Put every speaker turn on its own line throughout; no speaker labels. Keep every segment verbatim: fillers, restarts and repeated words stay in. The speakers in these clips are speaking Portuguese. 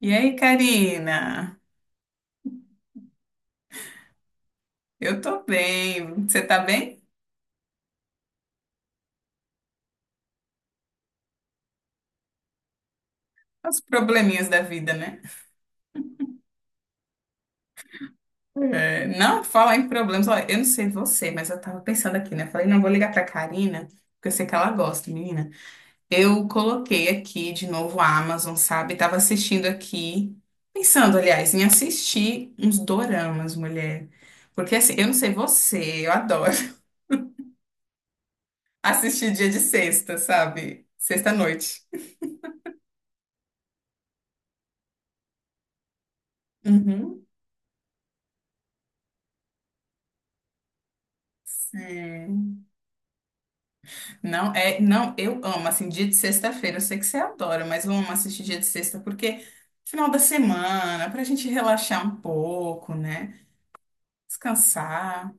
E aí, Karina? Eu tô bem. Você tá bem? Os probleminhas da vida, né? É, não falar em problemas. Olha, eu não sei você, mas eu tava pensando aqui, né? Falei, não, vou ligar pra Karina, porque eu sei que ela gosta, menina. Eu coloquei aqui de novo a Amazon, sabe? Tava assistindo aqui, pensando, aliás, em assistir uns doramas, mulher. Porque assim, eu não sei você, eu adoro assistir dia de sexta, sabe? Sexta-noite. Uhum. Sim. Não, é, não, eu amo, assim, dia de sexta-feira, eu sei que você adora, mas eu amo assistir dia de sexta porque final da semana, pra gente relaxar um pouco, né? Descansar.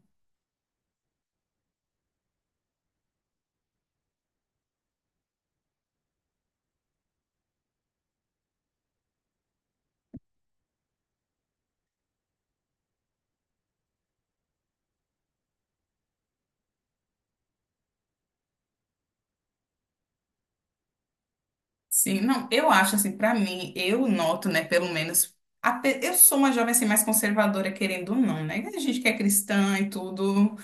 Sim, não, eu acho assim, pra mim, eu noto, né, pelo menos, ape- eu sou uma jovem assim mais conservadora, querendo ou não, né? A gente que é cristã e tudo,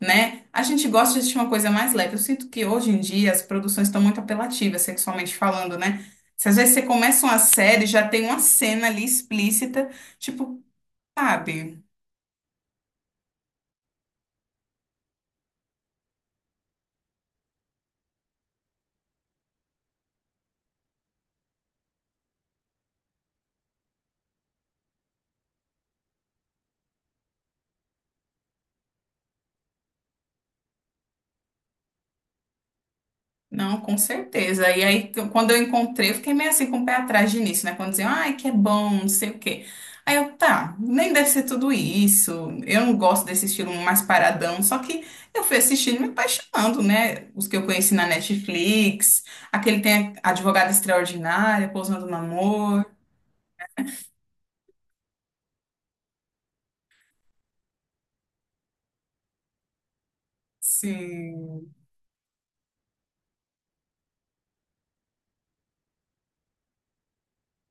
né? A gente gosta de assistir uma coisa mais leve. Eu sinto que hoje em dia as produções estão muito apelativas, sexualmente falando, né? Se às vezes você começa uma série, já tem uma cena ali explícita, tipo, sabe? Não, com certeza. E aí, t- quando eu encontrei, eu fiquei meio assim com o pé atrás de início, né? Quando diziam, ai, que é bom, não sei o quê. Aí eu, tá, nem deve ser tudo isso. Eu não gosto desse estilo mais paradão. Só que eu fui assistindo e me apaixonando, né? Os que eu conheci na Netflix, aquele tem a Advogada Extraordinária, Pousando no Amor. Sim,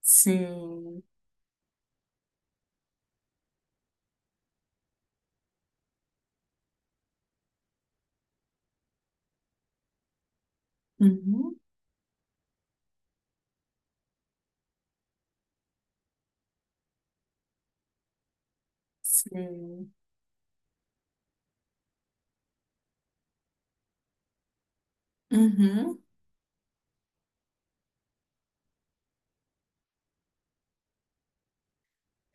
sim. Uhum, sim. Uhum.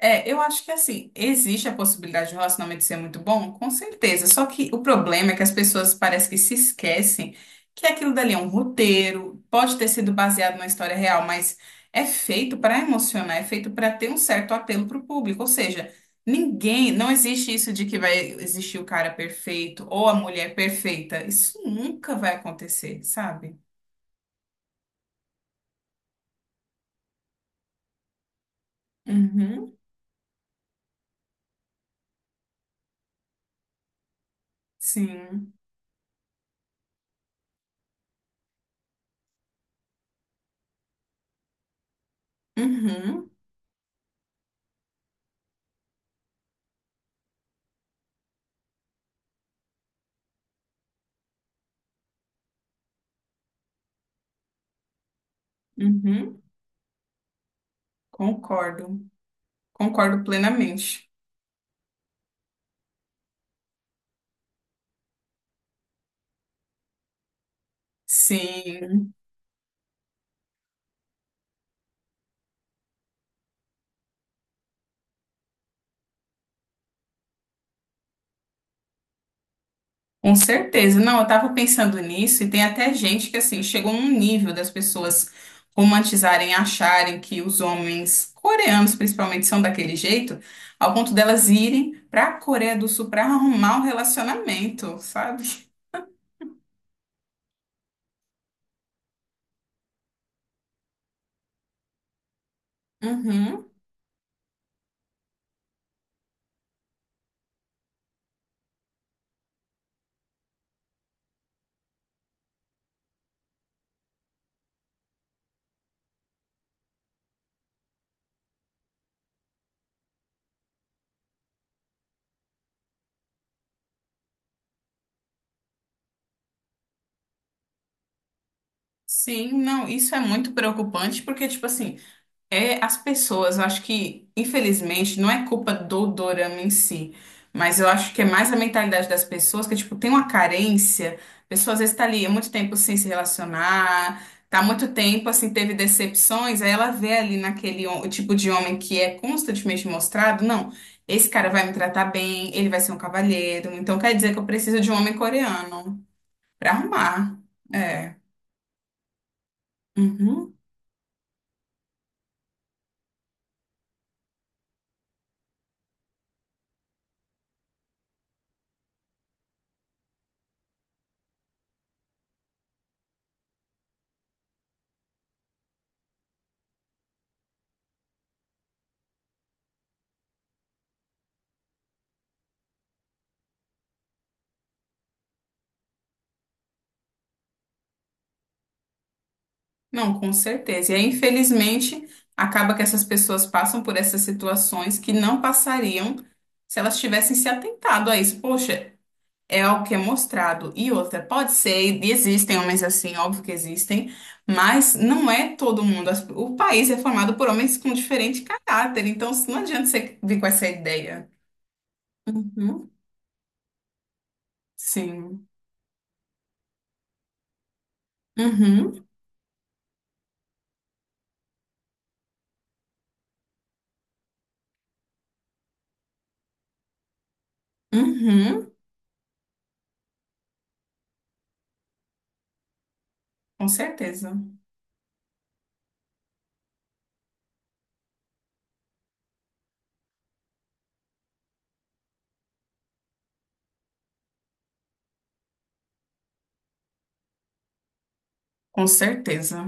É, eu acho que assim, existe a possibilidade de o relacionamento ser muito bom, com certeza. Só que o problema é que as pessoas parece que se esquecem que aquilo dali é um roteiro, pode ter sido baseado numa história real, mas é feito para emocionar, é feito para ter um certo apelo para o público. Ou seja, ninguém, não existe isso de que vai existir o cara perfeito ou a mulher perfeita. Isso nunca vai acontecer, sabe? Uhum, sim. Uhum, uhum. Concordo. Concordo plenamente. Sim, com certeza. Não, eu estava pensando nisso e tem até gente que assim chegou num nível das pessoas romantizarem, acharem que os homens coreanos principalmente são daquele jeito, ao ponto delas irem para a Coreia do Sul para arrumar um relacionamento, sabe? Uhum. Sim, não, isso é muito preocupante porque tipo assim, é as pessoas, eu acho que, infelizmente, não é culpa do dorama em si, mas eu acho que é mais a mentalidade das pessoas, que, tipo, tem uma carência, a pessoa às vezes tá ali há muito tempo sem se relacionar, tá há muito tempo, assim, teve decepções, aí ela vê ali naquele hom- o tipo de homem que é constantemente mostrado, não, esse cara vai me tratar bem, ele vai ser um cavalheiro, então quer dizer que eu preciso de um homem coreano pra arrumar. É. Uhum. Não, com certeza. E aí, infelizmente, acaba que essas pessoas passam por essas situações que não passariam se elas tivessem se atentado a isso. Poxa, é algo que é mostrado. E outra, pode ser, e existem homens assim, óbvio que existem, mas não é todo mundo. As- O país é formado por homens com diferente caráter, então não adianta você vir com essa ideia. Uhum, sim. Uhum, uhum, com certeza. Com certeza.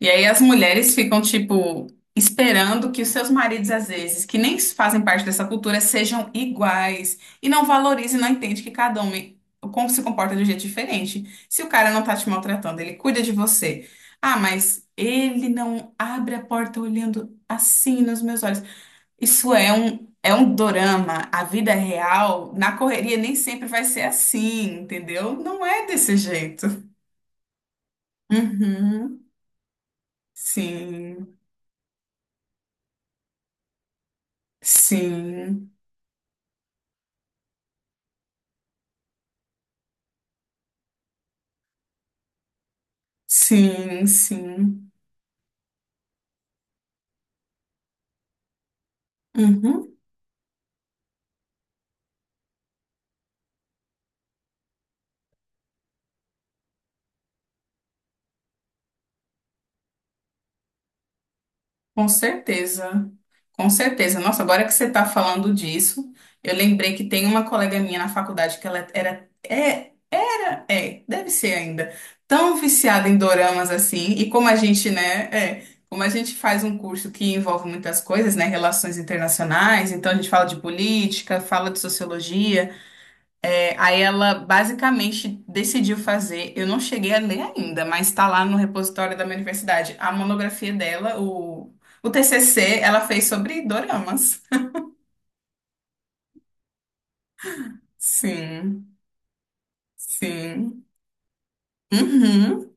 E aí as mulheres ficam, tipo, esperando que os seus maridos, às vezes, que nem fazem parte dessa cultura, sejam iguais e não valorizam e não entende que cada homem como se comporta de um jeito diferente. Se o cara não tá te maltratando, ele cuida de você. Ah, mas ele não abre a porta olhando assim nos meus olhos. Isso é um é um dorama. A vida real, na correria, nem sempre vai ser assim, entendeu? Não é desse jeito. Uhum. Sim, sim. Sim, sim. Uhum, com certeza. Com certeza. Nossa, agora que você está falando disso, eu lembrei que tem uma colega minha na faculdade que ela era, é, é, deve ser ainda, tão viciada em doramas assim, e como a gente, né, é, como a gente faz um curso que envolve muitas coisas, né, relações internacionais, então a gente fala de política, fala de sociologia, é, aí ela basicamente decidiu fazer, eu não cheguei a ler ainda, mas está lá no repositório da minha universidade, a monografia dela, o, o T C C, ela fez sobre doramas. Sim, sim. Uhum.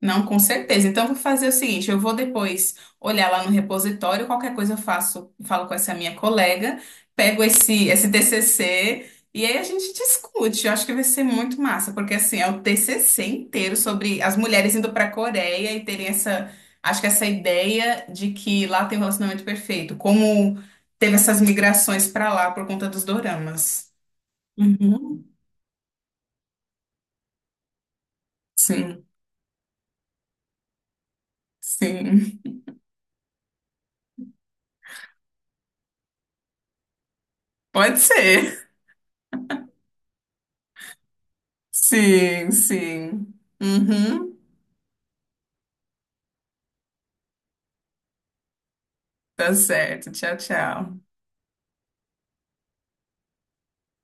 Não, com certeza. Então, eu vou fazer o seguinte: eu vou depois olhar lá no repositório, qualquer coisa eu faço, falo com essa minha colega, pego esse, esse T C C e aí a gente discute. Eu acho que vai ser muito massa, porque assim, é o T C C inteiro sobre as mulheres indo para a Coreia e terem essa, acho que essa ideia de que lá tem um relacionamento perfeito, como teve essas migrações para lá por conta dos doramas. Uhum. Sim, sim. Pode ser. Sim, sim. Uhum. Tá certo. Tchau, tchau.